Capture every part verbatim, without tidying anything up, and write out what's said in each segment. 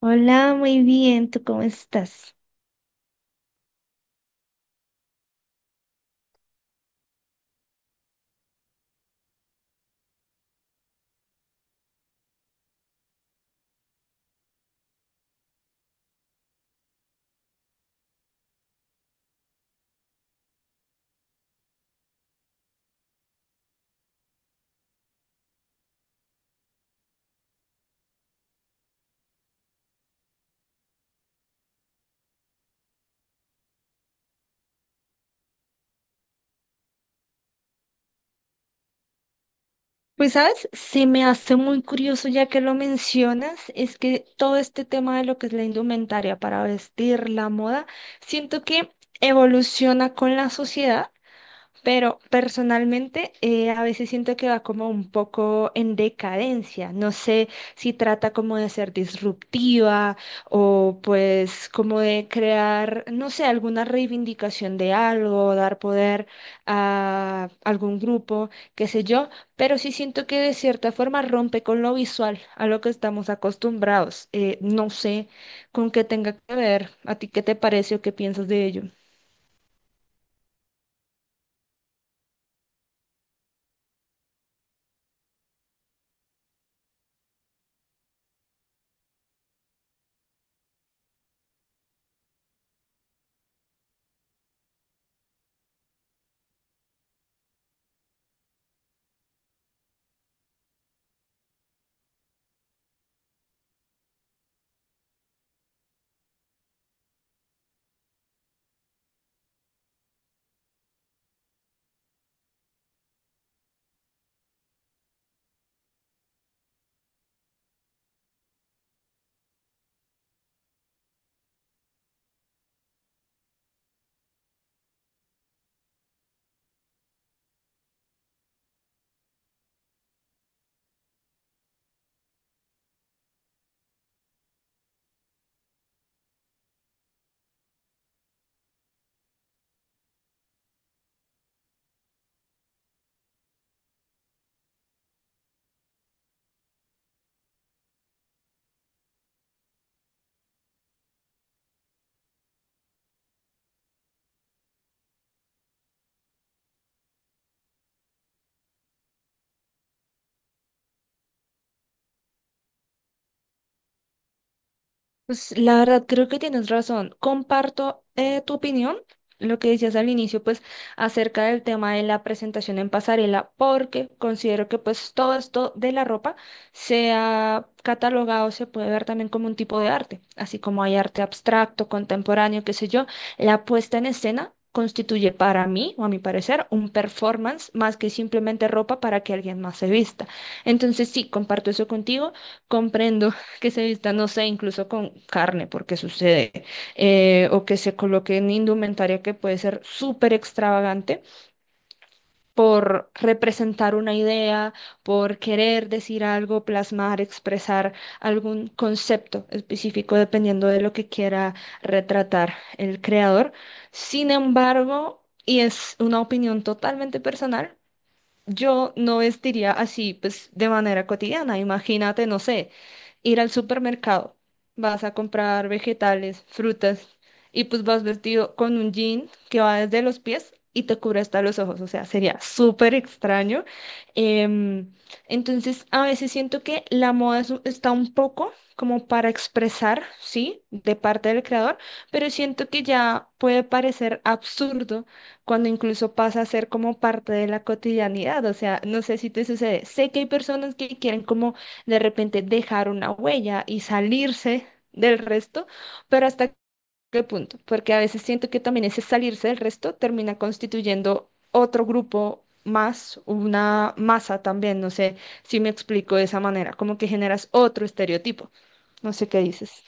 Hola, muy bien, ¿tú cómo estás? Pues sabes, se me hace muy curioso ya que lo mencionas. Es que todo este tema de lo que es la indumentaria para vestir, la moda, siento que evoluciona con la sociedad. Pero personalmente, eh, a veces siento que va como un poco en decadencia. No sé si trata como de ser disruptiva, o pues como de crear, no sé, alguna reivindicación de algo, dar poder a algún grupo, qué sé yo. Pero sí siento que de cierta forma rompe con lo visual, a lo que estamos acostumbrados. Eh, no sé con qué tenga que ver. ¿A ti qué te parece o qué piensas de ello? Pues la verdad, creo que tienes razón. Comparto, eh, tu opinión, lo que decías al inicio, pues acerca del tema de la presentación en pasarela, porque considero que pues todo esto de la ropa se ha catalogado, se puede ver también como un tipo de arte, así como hay arte abstracto, contemporáneo, qué sé yo. La puesta en escena constituye, para mí, o a mi parecer, un performance más que simplemente ropa para que alguien más se vista. Entonces, sí, comparto eso contigo, comprendo que se vistan, no sé, incluso con carne, porque sucede. Eh, o que se coloquen indumentaria que puede ser súper extravagante por representar una idea, por querer decir algo, plasmar, expresar algún concepto específico dependiendo de lo que quiera retratar el creador. Sin embargo, y es una opinión totalmente personal, yo no vestiría así, pues, de manera cotidiana. Imagínate, no sé, ir al supermercado, vas a comprar vegetales, frutas, y pues vas vestido con un jean que va desde los pies y te cubre hasta los ojos. O sea, sería súper extraño. Em, entonces, a veces siento que la moda es está un poco como para expresar, ¿sí? De parte del creador, pero siento que ya puede parecer absurdo cuando incluso pasa a ser como parte de la cotidianidad. O sea, no sé si te sucede. Sé que hay personas que quieren como de repente dejar una huella y salirse del resto, pero ¿hasta qué punto? Porque a veces siento que también ese salirse del resto termina constituyendo otro grupo más, una masa también, no sé si me explico de esa manera, como que generas otro estereotipo. No sé qué dices.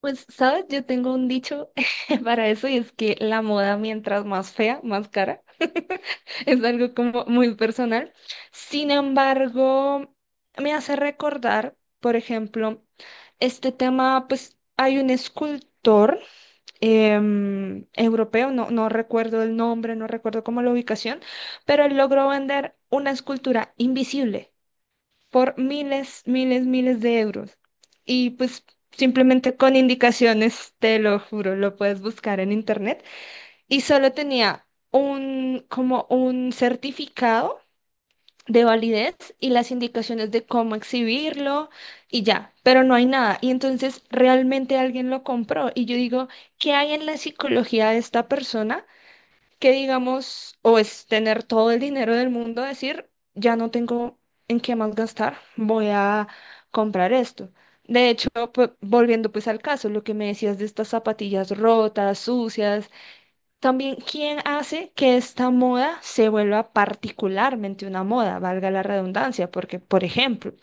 Pues, ¿sabes? Yo tengo un dicho para eso, y es que la moda mientras más fea, más cara. Es algo como muy personal. Sin embargo, me hace recordar, por ejemplo, este tema. Pues hay un escultor, em, europeo, no, no recuerdo el nombre, no recuerdo cómo la ubicación, pero él logró vender una escultura invisible por miles, miles, miles de euros. Y pues simplemente con indicaciones, te lo juro, lo puedes buscar en internet. Y solo tenía un, como un certificado de validez y las indicaciones de cómo exhibirlo, y ya, pero no hay nada. Y entonces realmente alguien lo compró, y yo digo, ¿qué hay en la psicología de esta persona, que digamos, o es tener todo el dinero del mundo, decir, ya no tengo en qué más gastar, voy a comprar esto? De hecho, pu- volviendo pues al caso, lo que me decías de estas zapatillas rotas, sucias, también, ¿quién hace que esta moda se vuelva particularmente una moda, valga la redundancia? Porque, por ejemplo,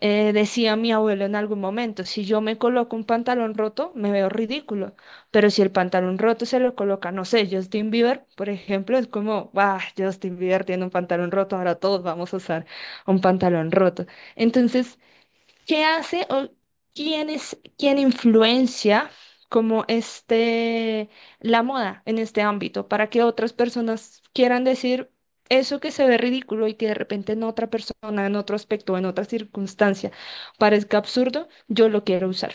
eh, decía mi abuelo en algún momento, si yo me coloco un pantalón roto, me veo ridículo, pero si el pantalón roto se lo coloca, no sé, Justin Bieber, por ejemplo, es como, bah, Justin Bieber tiene un pantalón roto, ahora todos vamos a usar un pantalón roto. Entonces, ¿qué hace o quién es quién influencia como este la moda en este ámbito para que otras personas quieran decir eso que se ve ridículo y que de repente en otra persona, en otro aspecto, en otra circunstancia parezca absurdo, yo lo quiero usar?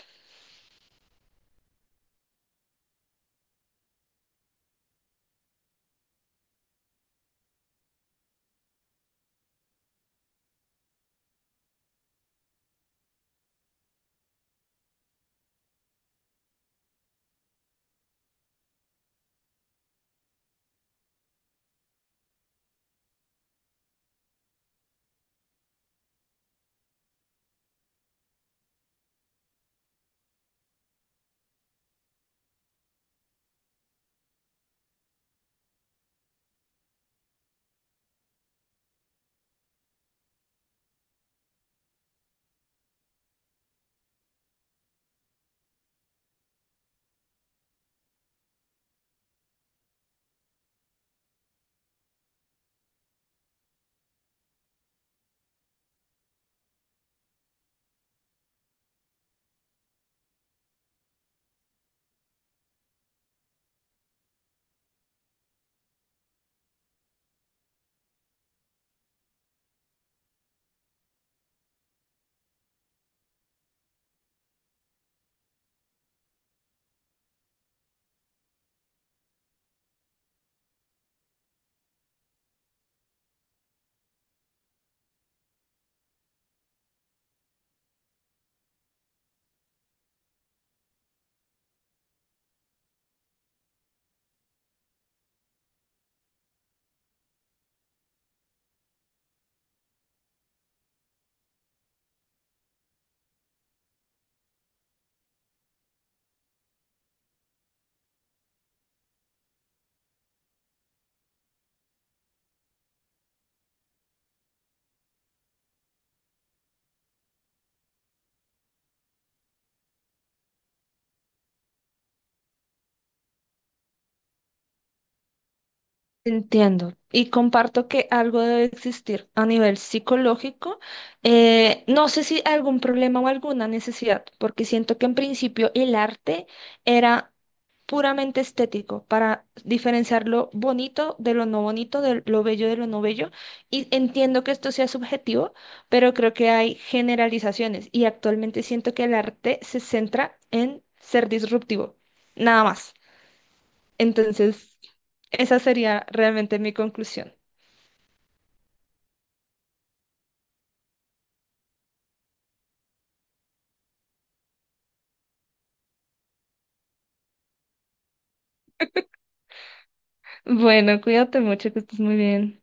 Entiendo y comparto que algo debe existir a nivel psicológico. Eh, no sé si algún problema o alguna necesidad, porque siento que en principio el arte era puramente estético, para diferenciar lo bonito de lo no bonito, de lo bello de lo no bello. Y entiendo que esto sea subjetivo, pero creo que hay generalizaciones y actualmente siento que el arte se centra en ser disruptivo, nada más. Entonces, esa sería realmente mi conclusión. Bueno, cuídate mucho, que estés muy bien.